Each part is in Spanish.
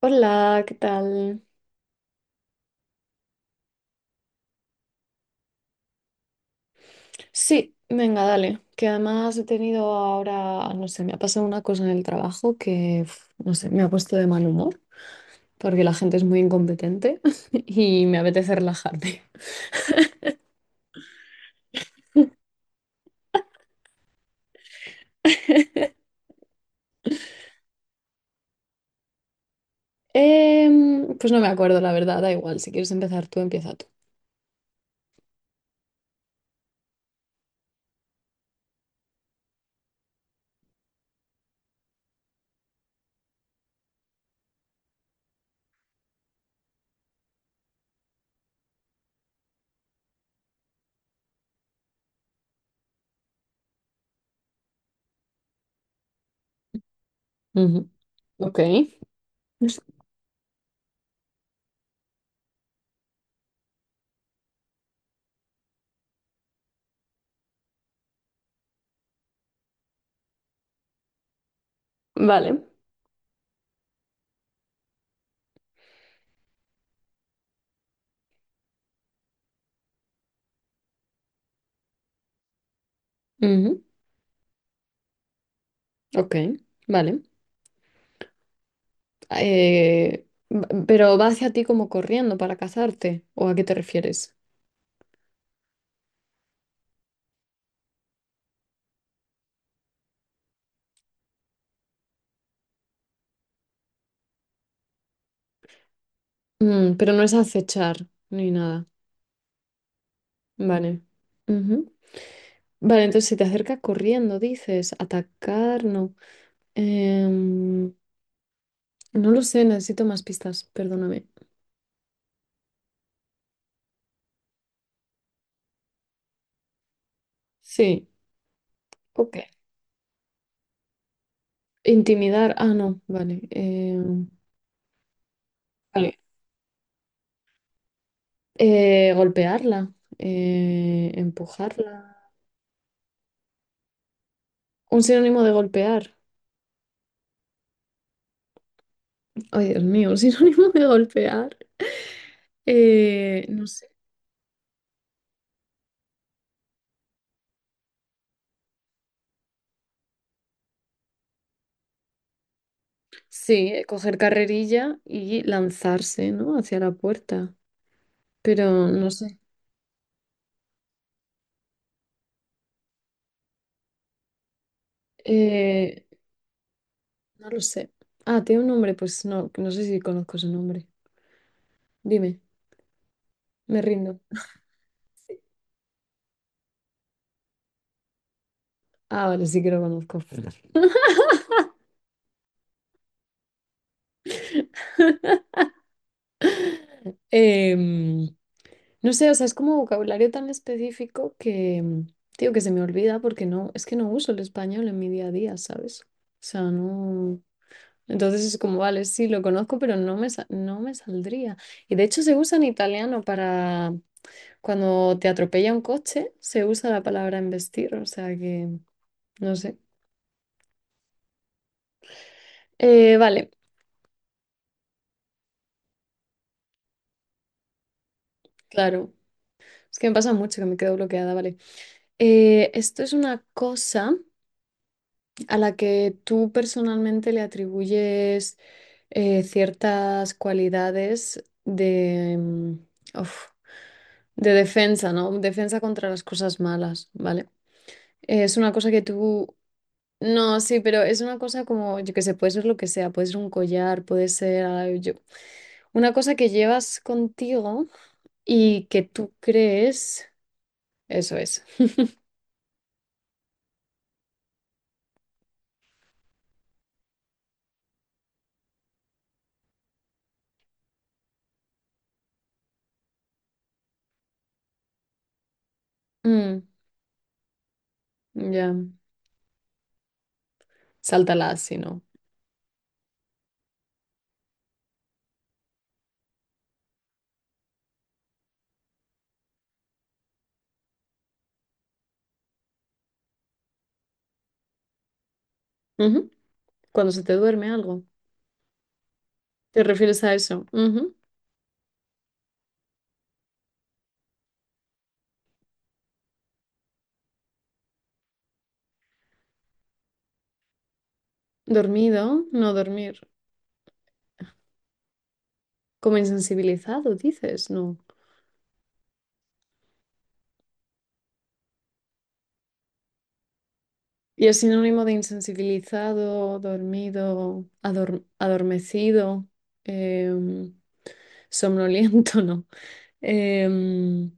Hola, ¿qué tal? Sí, venga, dale. Que además he tenido ahora, no sé, me ha pasado una cosa en el trabajo que, uf, no sé, me ha puesto de mal humor porque la gente es muy incompetente y me apetece relajarme. Pues no me acuerdo, la verdad, da igual. Si quieres empezar tú, empieza tú. Ujú. Ok. Vale. Ujú. Ok, vale. Pero va hacia ti como corriendo para cazarte, ¿o a qué te refieres? Mm, pero no es acechar ni nada. Vale. Ujú. Vale, entonces si te acercas corriendo, dices, atacar, no. Em, no lo sé, necesito más pistas, perdóname. Sí, Ok. Intimidar, ah, no, vale. Vale. Golpearla, empujarla. Un sinónimo de golpear. Ay, Dios mío, un sinónimo de golpear. No sé. Sí, coger carrerilla y lanzarse, ¿no? Hacia la puerta. Pero no sé. Eh, No lo sé. Ah, tiene un nombre, pues no, no sé si conozco su nombre. Dime, me rindo. Sí. Ah, vale, sí que lo conozco. Em, no sé, o sea, es como vocabulario tan específico que, tío, que se me olvida porque no, es que no uso el español en mi día a día, ¿sabes? O sea, no. Entonces es como, vale, sí, lo conozco, pero no me, no me saldría. Y de hecho se usa en italiano para cuando te atropella un coche, se usa la palabra embestir, o sea que, no sé. Vale. Claro, es que me pasa mucho que me quedo bloqueada, vale. Esto es una cosa a la que tú personalmente le atribuyes ciertas cualidades de, uf, de defensa, ¿no? Defensa contra las cosas malas, ¿vale? Es una cosa que tú... No, sí, pero es una cosa como, yo qué sé, puede ser lo que sea, puede ser un collar, puede ser ah, yo- una cosa que llevas contigo y que tú crees, eso es. Mm, ya. Sáltalas, si no. Ujú. Cuando se te duerme algo. ¿Te refieres a eso? Ujú. Dormido, no dormir. Como insensibilizado, dices, no. Y es sinónimo de insensibilizado, dormido, adormecido, em, somnoliento, no. Em,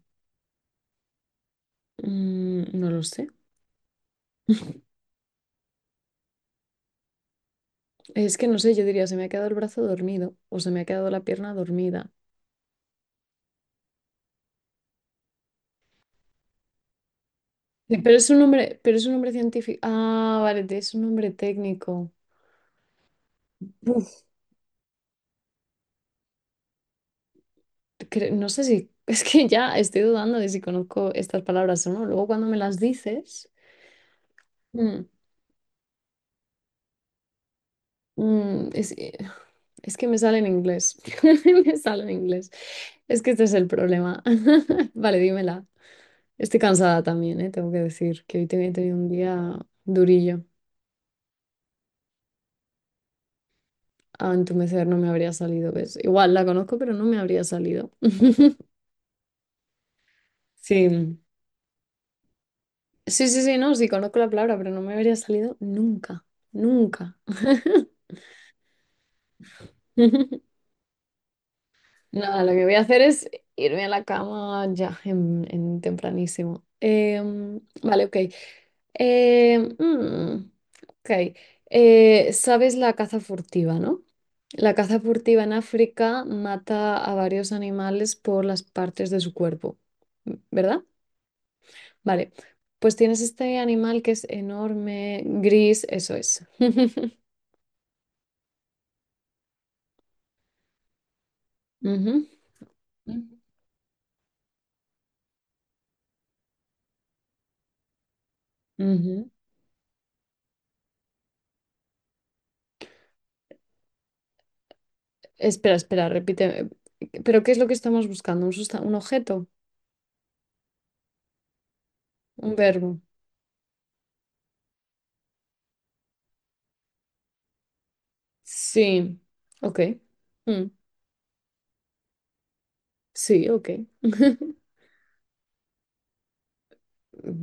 no lo sé. Es que no sé, yo diría, se me ha quedado el brazo dormido o se me ha quedado la pierna dormida. Sí, pero es un nombre, pero es un nombre científico. Ah, vale, es un nombre técnico. No sé si, es que ya estoy dudando de si conozco estas palabras o no. Luego cuando me las dices, mm, mm, es, eh, es que me sale en inglés, me sale en inglés. Es que este es el problema. Vale, dímela. Estoy cansada también, ¿eh? Tengo que decir que hoy he tenido un día durillo. A entumecer no me habría salido, ¿ves? Igual la conozco, pero no me habría salido. Sí, sí, sí, sí, no, sí, conozco la palabra, pero no me habría salido nunca, nunca. Nada, lo que voy a hacer es irme a la cama ya, en tempranísimo. Em, vale, ok. Em, mm, ok. Sabes la caza furtiva, ¿no? La caza furtiva en África mata a varios animales por las partes de su cuerpo, ¿verdad? Vale, pues tienes este animal que es enorme, gris, eso es. Ujú, ujú. Espera, espera, repite. ¿Pero qué es lo que estamos buscando? ¿Un un objeto? ¿Un verbo? Sí. Ok. Mm. Sí, ok.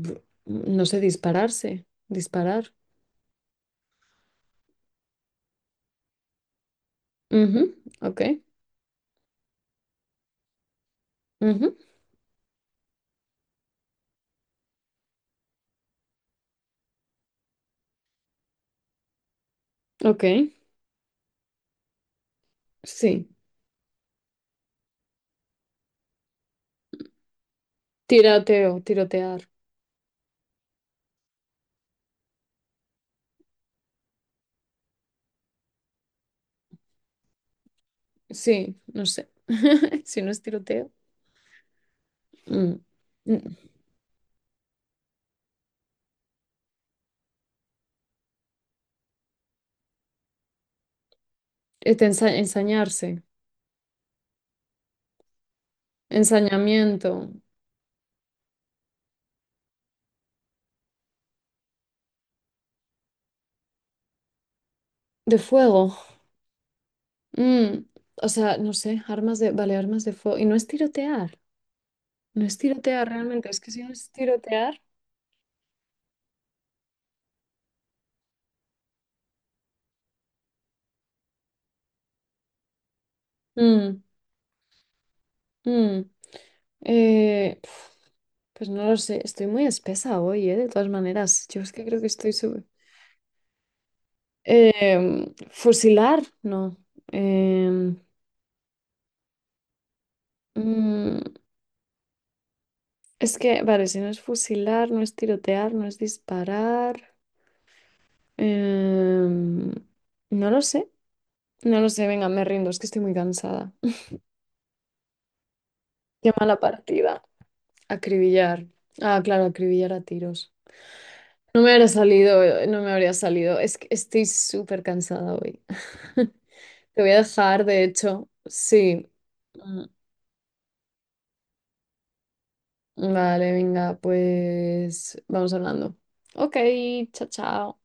No sé, dispararse. Disparar. Ujú, Ok. Ujú, Ok. Sí. Tiroteo, tirotear. Sí, no sé. Si no es tiroteo. Mm. Mm. Este, ensañarse. Ensañamiento. De fuego. Mm, o sea, no sé, armas de, vale, armas de fuego. Y no es tirotear, no es tirotear realmente, es que si no es tirotear. Mm, mm, Pf, pues no lo sé, estoy muy espesa hoy, ¿eh? De todas maneras, yo es que creo que estoy sub... Fusilar, no. Em, mm, es que, vale, si no es fusilar, no es tirotear, no es disparar. Em, no lo sé, no lo sé, venga, me rindo, es que estoy muy cansada. Qué mala partida. Acribillar. Ah, claro, acribillar a tiros. No me habría salido, no me habría salido. Es que estoy súper cansada hoy. Te voy a dejar, de hecho. Sí. Mm, vale, venga, pues vamos hablando. Ok, chao, chao.